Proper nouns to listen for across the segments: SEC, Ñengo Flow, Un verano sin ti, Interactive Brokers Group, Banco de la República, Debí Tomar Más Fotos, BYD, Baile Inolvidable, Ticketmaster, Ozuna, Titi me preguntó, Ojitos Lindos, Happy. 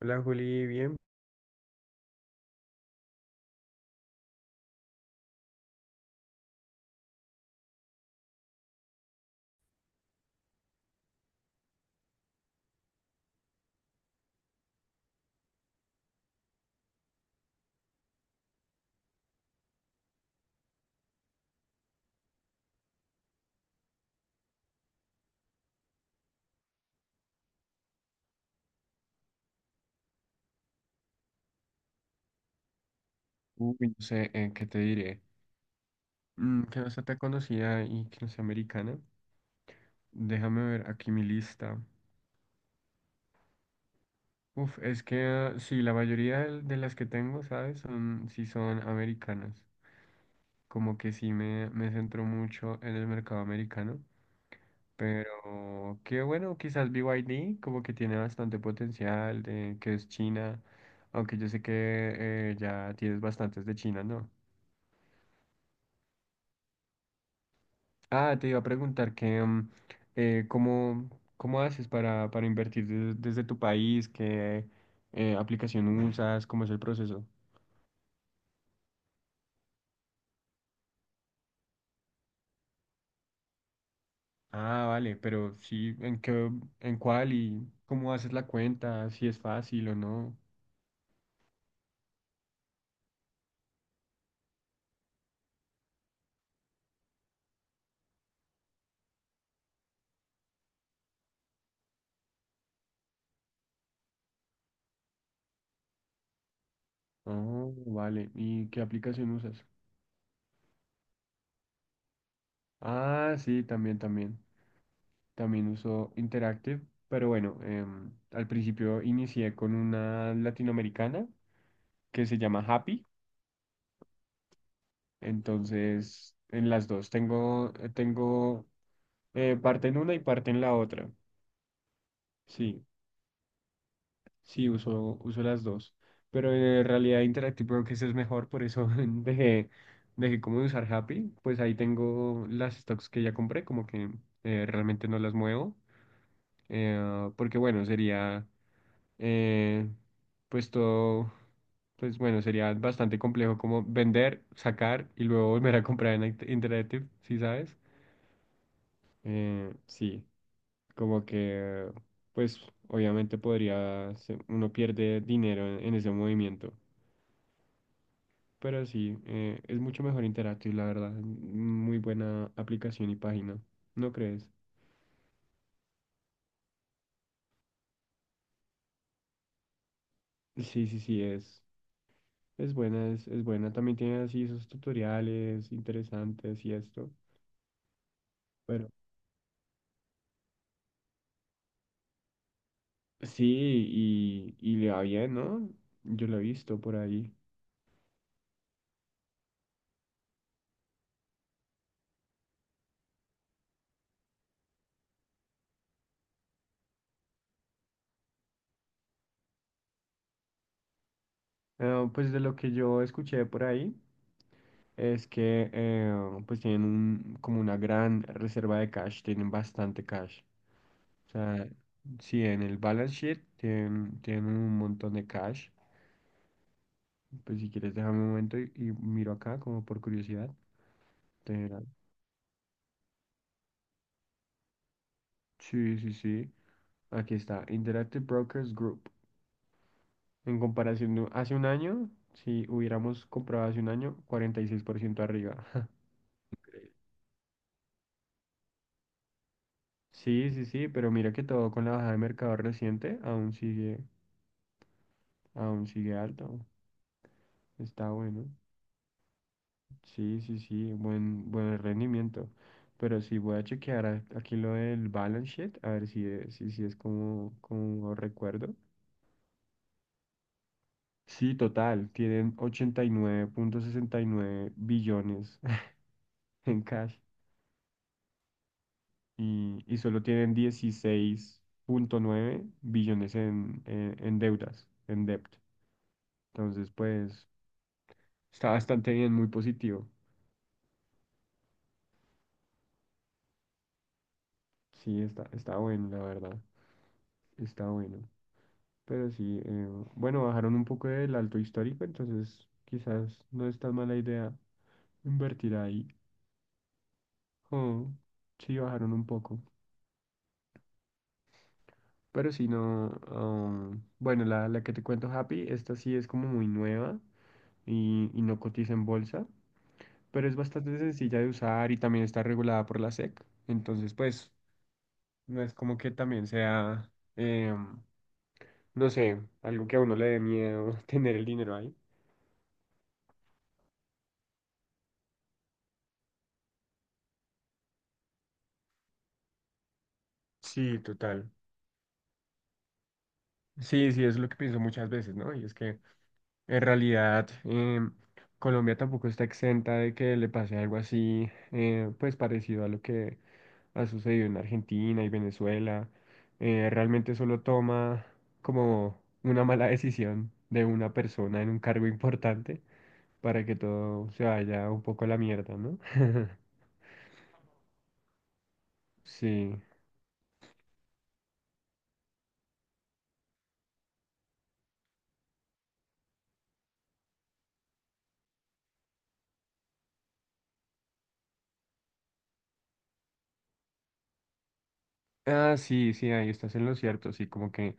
Hola Juli, bien. Uy, no sé, ¿qué te diré? Mm, que no sea tan conocida y que no sea americana. Déjame ver aquí mi lista. Uf, es que ah, sí, la mayoría de las que tengo, ¿sabes? Son, sí son americanas. Como que sí me centro mucho en el mercado americano. Pero qué bueno, quizás BYD como que tiene bastante potencial de que es China. Aunque yo sé que ya tienes bastantes de China, ¿no? Ah, te iba a preguntar que ¿cómo, cómo haces para invertir desde tu país? ¿Qué aplicación usas? ¿Cómo es el proceso? Ah, vale, pero sí, ¿en qué, en cuál y cómo haces la cuenta? ¿Si es fácil o no? Oh, vale. ¿Y qué aplicación usas? Ah, sí, también, también. También uso Interactive, pero bueno, al principio inicié con una latinoamericana que se llama Happy. Entonces, en las dos, tengo parte en una y parte en la otra. Sí, sí, uso, uso las dos. Pero en realidad Interactive Brokers es mejor, por eso dejé, dejé como de usar Happy. Pues ahí tengo las stocks que ya compré, como que realmente no las muevo. Porque bueno, sería eh, pues todo, pues bueno, sería bastante complejo como vender, sacar y luego volver a comprar en Interactive, ¿sí sabes? Sí, como que, pues obviamente podría, uno pierde dinero en ese movimiento, pero sí, es mucho mejor Interactive, la verdad, muy buena aplicación y página, ¿no crees? Sí, sí, sí, es buena, también tiene así sus tutoriales interesantes y esto, pero sí, y le va bien, ¿no? Yo lo he visto por ahí. Ah, pues de lo que yo escuché por ahí. Es que pues tienen un, como una gran reserva de cash, tienen bastante cash. O sea, sí, en el balance sheet tienen, tienen un montón de cash. Pues si quieres déjame un momento y miro acá como por curiosidad. Te- sí, sí, sí. Aquí está, Interactive Brokers Group. En comparación de hace un año, si hubiéramos comprado hace un año, 46% arriba. Sí, sí, sí, pero mira que todo con la bajada de mercado reciente aún sigue. Aún sigue alto. Está bueno. Sí, sí, sí. Buen, buen rendimiento. Pero sí voy a chequear aquí lo del balance sheet. A ver si es, si, si es como, como recuerdo. Sí, total. Tienen ochenta y nueve punto sesenta y nueve billones en cash. Y solo tienen 16.9 billones en deudas, en debt. Entonces, pues, está bastante bien, muy positivo. Sí, está, está bueno, la verdad. Está bueno. Pero sí, bueno, bajaron un poco del alto histórico, entonces quizás no es tan mala idea invertir ahí. Oh, sí, bajaron un poco. Pero sí, no. Bueno, la que te cuento, Happy, esta sí es como muy nueva y no cotiza en bolsa, pero es bastante sencilla de usar y también está regulada por la SEC. Entonces, pues, no es como que también sea, em, no sé, algo que a uno le dé miedo tener el dinero ahí. Sí, total. Sí, sí, es lo que pienso muchas veces, ¿no? Y es que en realidad Colombia tampoco está exenta de que le pase algo así, pues parecido a lo que ha sucedido en Argentina y Venezuela. Realmente solo toma como una mala decisión de una persona en un cargo importante para que todo se vaya un poco a la mierda, ¿no? Sí. Ah, sí, sí, ahí estás en lo cierto, sí, como que...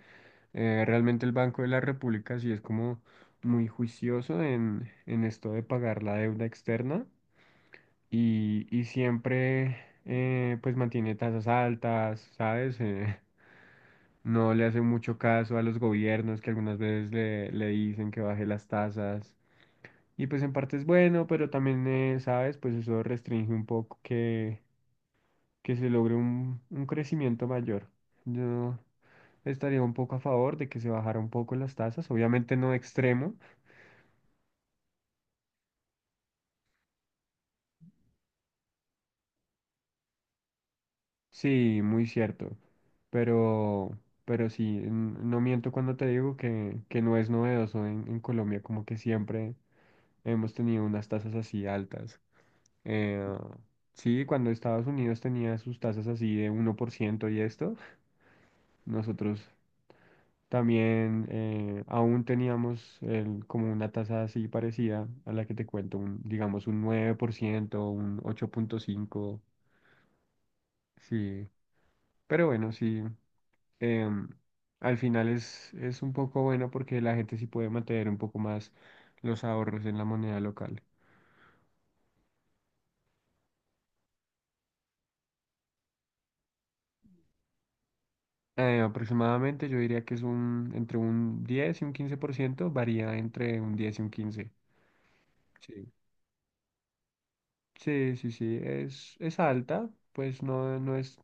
Realmente el Banco de la República sí es como muy juicioso en esto de pagar la deuda externa y siempre pues mantiene tasas altas, ¿sabes? No le hace mucho caso a los gobiernos que algunas veces le, le dicen que baje las tasas y pues en parte es bueno, pero también, ¿sabes? Pues eso restringe un poco que se logre un crecimiento mayor. Yo estaría un poco a favor de que se bajara un poco las tasas, obviamente no extremo, sí, muy cierto, pero, pero sí, no miento cuando te digo que no es novedoso en Colombia, como que siempre hemos tenido unas tasas así altas. Eh, sí, cuando Estados Unidos tenía sus tasas así de 1% y esto, nosotros también aún teníamos como una tasa así parecida a la que te cuento, un, digamos un 9% un 8.5%, sí. Pero bueno, sí, em, al final es un poco bueno porque la gente sí puede mantener un poco más los ahorros en la moneda local. Aproximadamente yo diría que es un, entre un 10 y un 15%, varía entre un 10 y un 15%. Sí. Sí, sí, sí, es alta, pues no, no es.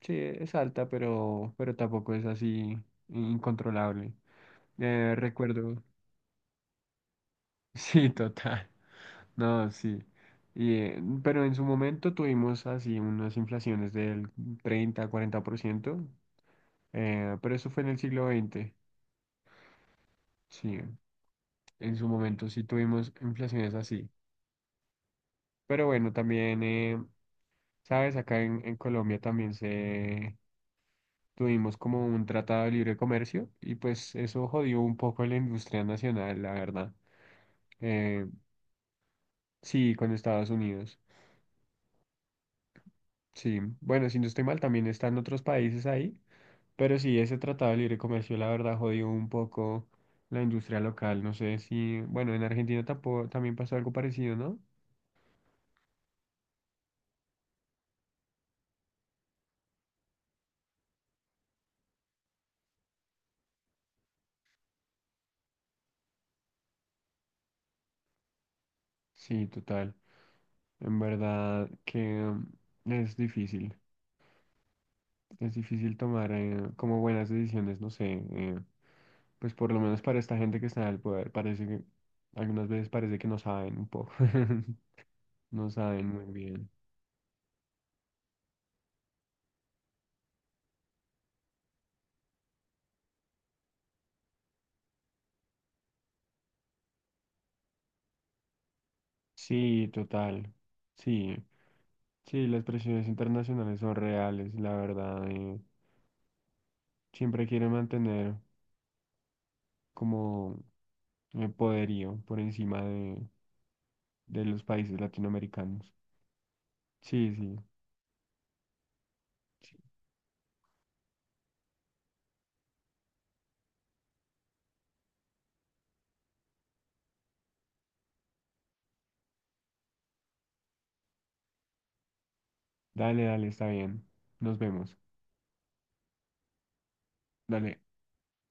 Sí, es alta, pero tampoco es así incontrolable. Recuerdo, sí, total. No, sí. Y, pero en su momento tuvimos así unas inflaciones del 30, 40%, pero eso fue en el siglo XX. Sí, en su momento sí tuvimos inflaciones así. Pero bueno, también, ¿sabes? Acá en Colombia también se, tuvimos como un tratado de libre comercio y pues eso jodió un poco la industria nacional, la verdad. Eh, sí, con Estados Unidos. Sí, bueno, si no estoy mal, también están otros países ahí, pero sí, ese tratado de libre comercio, la verdad, jodió un poco la industria local. No sé si, bueno, en Argentina tampoco, también pasó algo parecido, ¿no? Sí, total. En verdad que mm, es difícil. Es difícil tomar como buenas decisiones, no sé. Pues por lo menos para esta gente que está en el poder, parece que algunas veces parece que no saben un poco, no saben muy bien. Sí, total. Sí, sí, las presiones internacionales son reales, la verdad. Siempre quieren mantener como el poderío por encima de los países latinoamericanos. Sí, sí. Sí. Dale, dale, está bien. Nos vemos. Dale.